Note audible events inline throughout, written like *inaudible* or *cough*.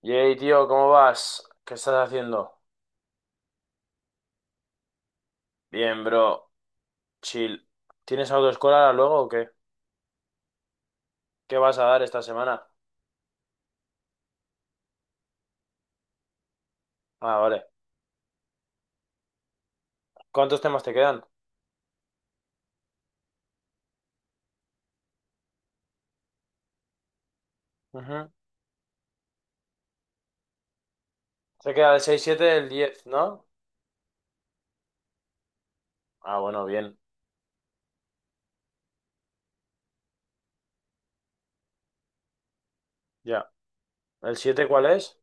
Yey, tío, ¿cómo vas? ¿Qué estás haciendo? Bien, bro. Chill. ¿Tienes autoescuela ahora luego o qué? ¿Qué vas a dar esta semana? Ah, vale. ¿Cuántos temas te quedan? Ujú. Se queda el seis, siete, el 10, ¿no? Ah, bueno, bien. Ya. ¿El siete, cuál es?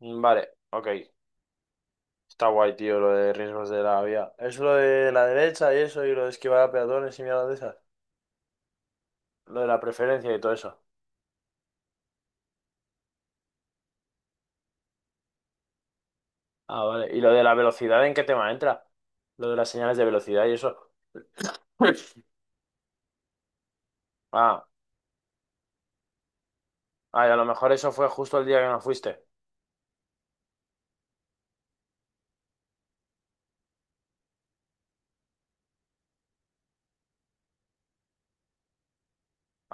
Mm, vale, ok. Está guay, tío, lo de riesgos de la vía. Es lo de la derecha y eso, y lo de esquivar a peatones y mierda de esas. Lo de la preferencia y todo eso. Ah, vale. ¿Y lo de la velocidad en qué tema entra? Lo de las señales de velocidad y eso. *laughs* Ah. Ay, a lo mejor eso fue justo el día que no fuiste.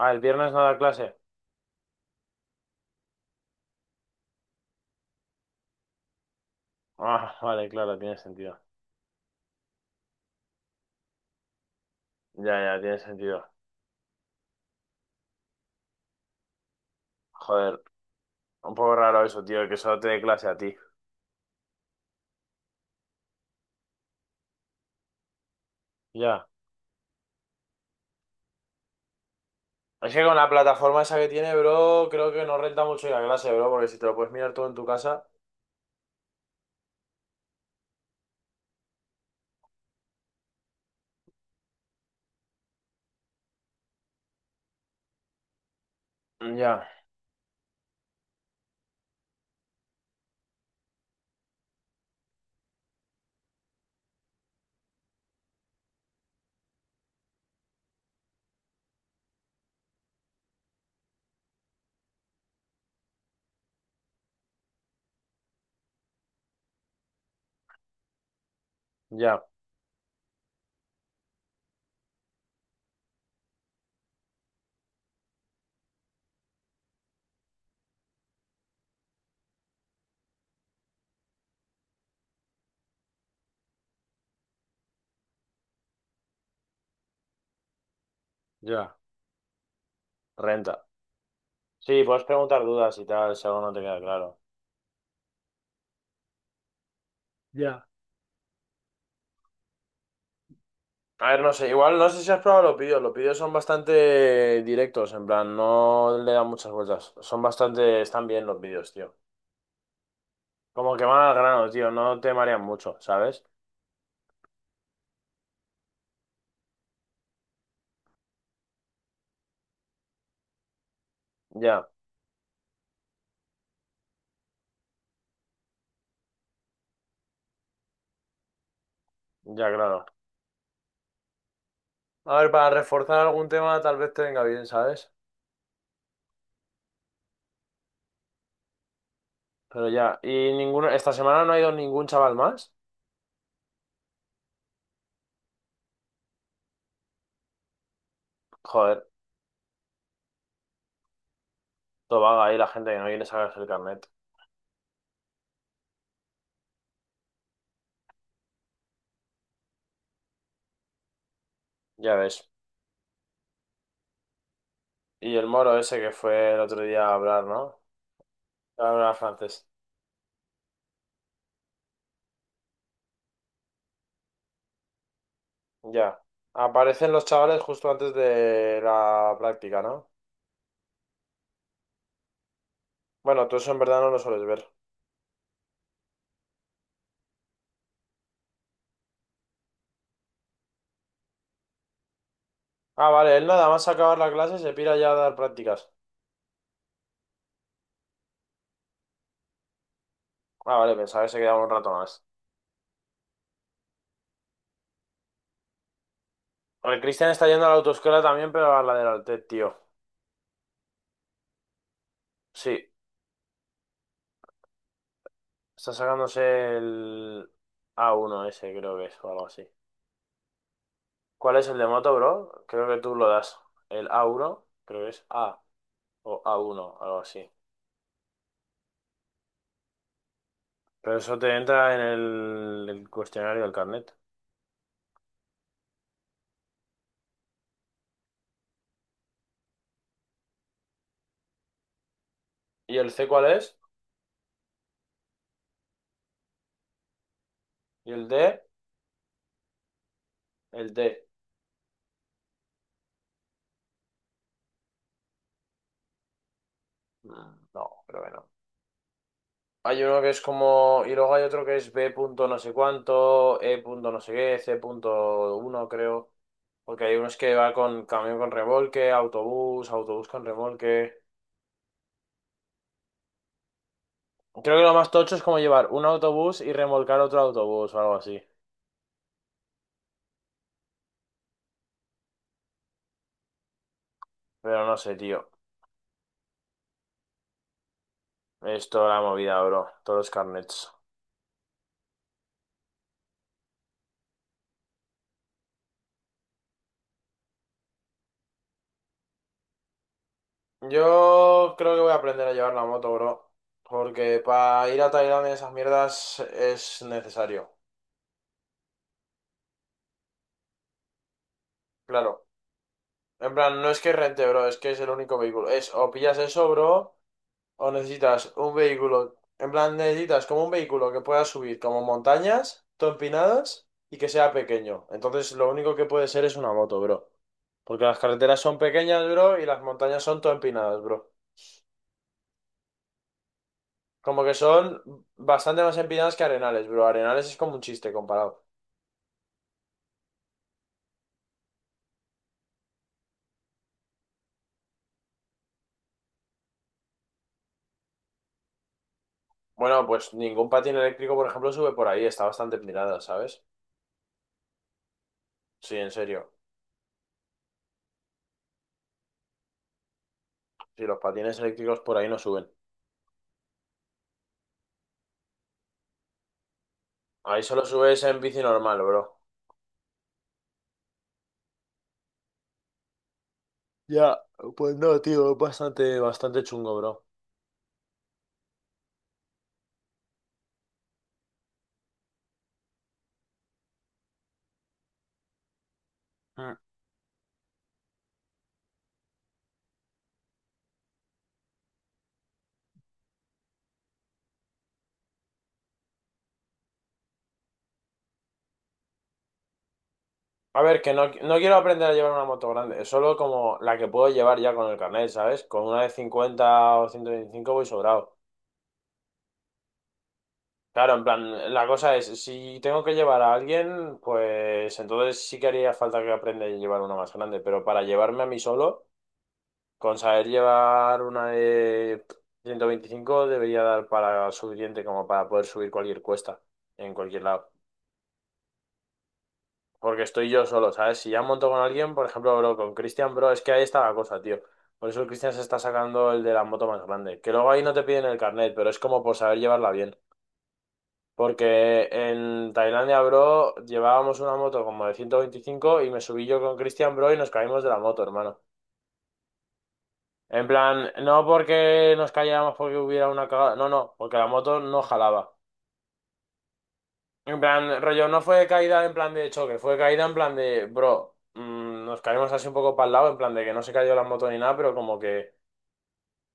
Ah, el viernes no da clase. Ah, *laughs* vale, claro, tiene sentido. Ya, ya, tiene sentido. Joder, un poco raro eso, tío, que solo te dé clase a ti. Ya. Es que con la plataforma esa que tiene, bro, creo que no renta mucho ir a clase, bro, porque si te lo puedes mirar todo en tu casa. Mm, ya, ya, ya. Renta. Sí, puedes preguntar dudas y tal, si algo no te queda claro. Ya. A ver, no sé, igual no sé si has probado los vídeos. Los vídeos son bastante directos, en plan, no le dan muchas vueltas. Son bastante, están bien los vídeos, tío. Como que van al grano, tío, no te marean mucho, ¿sabes? Ya, ya, claro. A ver, para reforzar algún tema tal vez te venga bien, ¿sabes? Pero ya, y ninguno, esta semana no ha ido ningún chaval más. Joder, todo vaga ahí la gente que no viene a sacarse el carnet. Ya ves. Y el moro ese que fue el otro día a hablar, ¿no? A hablar francés. Ya. Aparecen los chavales justo antes de la práctica, ¿no? Bueno, tú eso en verdad no lo sueles ver. Ah, vale, él nada más acabar la clase se pira ya a dar prácticas. Ah, vale, pensaba que se quedaba un rato más. El Cristian está yendo a la autoescuela también, pero a la del Altet, tío. Sí, está sacándose el a uno, ese, creo que es, o algo así. ¿Cuál es el de moto, bro? Creo que tú lo das. El a uno, creo que es A o a uno, algo así. Pero eso te entra en el cuestionario del carnet. ¿Y el C cuál es? ¿Y el D? El D. Mm, no, creo que no. Hay uno que es como. Y luego hay otro que es B punto no sé cuánto, E punto no sé qué, C punto uno, creo. Porque hay unos que va con camión con remolque, autobús, autobús con remolque. Creo que lo más tocho es como llevar un autobús y remolcar otro autobús o algo así. Pero no sé, tío. Es toda la movida, bro. Todos los carnets. Yo creo que voy a aprender a llevar la moto, bro. Porque para ir a Tailandia y esas mierdas es necesario. Claro, en plan, no es que rente, bro, es que es el único vehículo. Es o pillas eso, bro, o necesitas un vehículo. En plan, necesitas como un vehículo que pueda subir como montañas, todo empinadas y que sea pequeño. Entonces, lo único que puede ser es una moto, bro. Porque las carreteras son pequeñas, bro, y las montañas son todo empinadas, bro. Como que son bastante más empinadas que Arenales, bro. Arenales es como un chiste comparado. Bueno, pues ningún patín eléctrico, por ejemplo, sube por ahí, está bastante empinada, ¿sabes? Sí, en serio. Sí, los patines eléctricos por ahí no suben. Ahí solo subes en bici normal, bro. Ya, pues no, tío, es bastante, bastante chungo, bro. Mm. A ver, que no, no quiero aprender a llevar una moto grande. Es solo como la que puedo llevar ya con el carnet, ¿sabes? Con una de 50 o 125 voy sobrado. Claro, en plan, la cosa es, si tengo que llevar a alguien, pues entonces sí que haría falta que aprenda a llevar una más grande, pero para llevarme a mí solo. Con saber llevar una de 125 debería dar para suficiente como para poder subir cualquier cuesta en cualquier lado. Porque estoy yo solo, ¿sabes? Si ya monto con alguien, por ejemplo, bro, con Cristian, bro, es que ahí está la cosa, tío. Por eso el Cristian se está sacando el de la moto más grande. Que luego ahí no te piden el carnet, pero es como por saber llevarla bien. Porque en Tailandia, bro, llevábamos una moto como de 125 y me subí yo con Cristian, bro, y nos caímos de la moto, hermano. En plan, no porque nos cayéramos porque hubiera una cagada, no, no, porque la moto no jalaba. En plan, rollo, no fue caída en plan de choque, fue caída en plan de, bro, nos caímos así un poco para el lado, en plan de que no se cayó la moto ni nada, pero como que,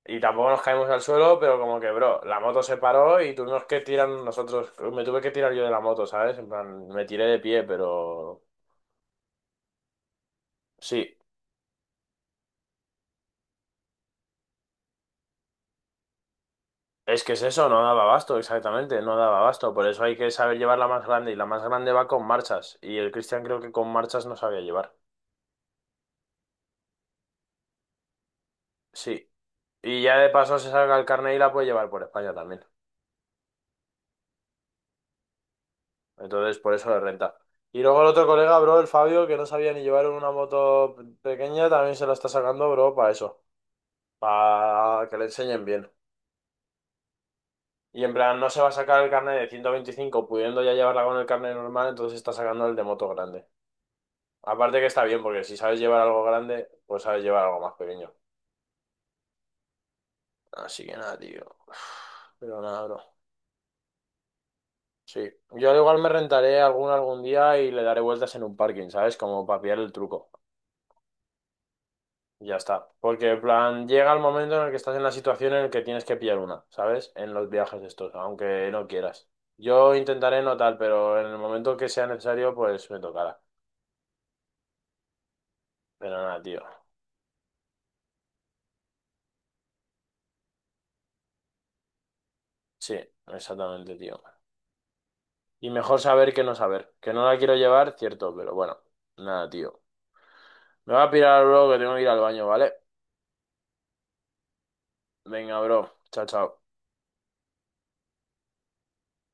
y tampoco nos caímos al suelo, pero como que, bro, la moto se paró y tuvimos que tirar nosotros, me tuve que tirar yo de la moto, ¿sabes? En plan, me tiré de pie, pero sí. Es que es eso, no daba abasto, exactamente, no daba abasto. Por eso hay que saber llevar la más grande y la más grande va con marchas. Y el Cristian creo que con marchas no sabía llevar. Sí. Y ya de paso se saca el carnet y la puede llevar por España también. Entonces, por eso le renta. Y luego el otro colega, bro, el Fabio, que no sabía ni llevar una moto pequeña, también se la está sacando, bro, para eso. Para que le enseñen bien. Y en plan, no se va a sacar el carnet de 125 pudiendo ya llevarla con el carnet normal, entonces está sacando el de moto grande. Aparte que está bien, porque si sabes llevar algo grande, pues sabes llevar algo más pequeño. Así que nada, tío. Uf. Pero nada, bro. Sí. Yo al igual me rentaré algún día y le daré vueltas en un parking, ¿sabes? Como para pillar el truco. Y ya está. Porque, en plan, llega el momento en el que estás en la situación en el que tienes que pillar una, ¿sabes? En los viajes estos, aunque no quieras. Yo intentaré no tal, pero en el momento que sea necesario, pues me tocará. Pero nada, tío. Sí, exactamente, tío. Y mejor saber. Que no la quiero llevar, cierto, pero bueno. Nada, tío. Me voy a pirar, bro, que tengo que ir al baño, ¿vale? Venga, bro. Chao, chao.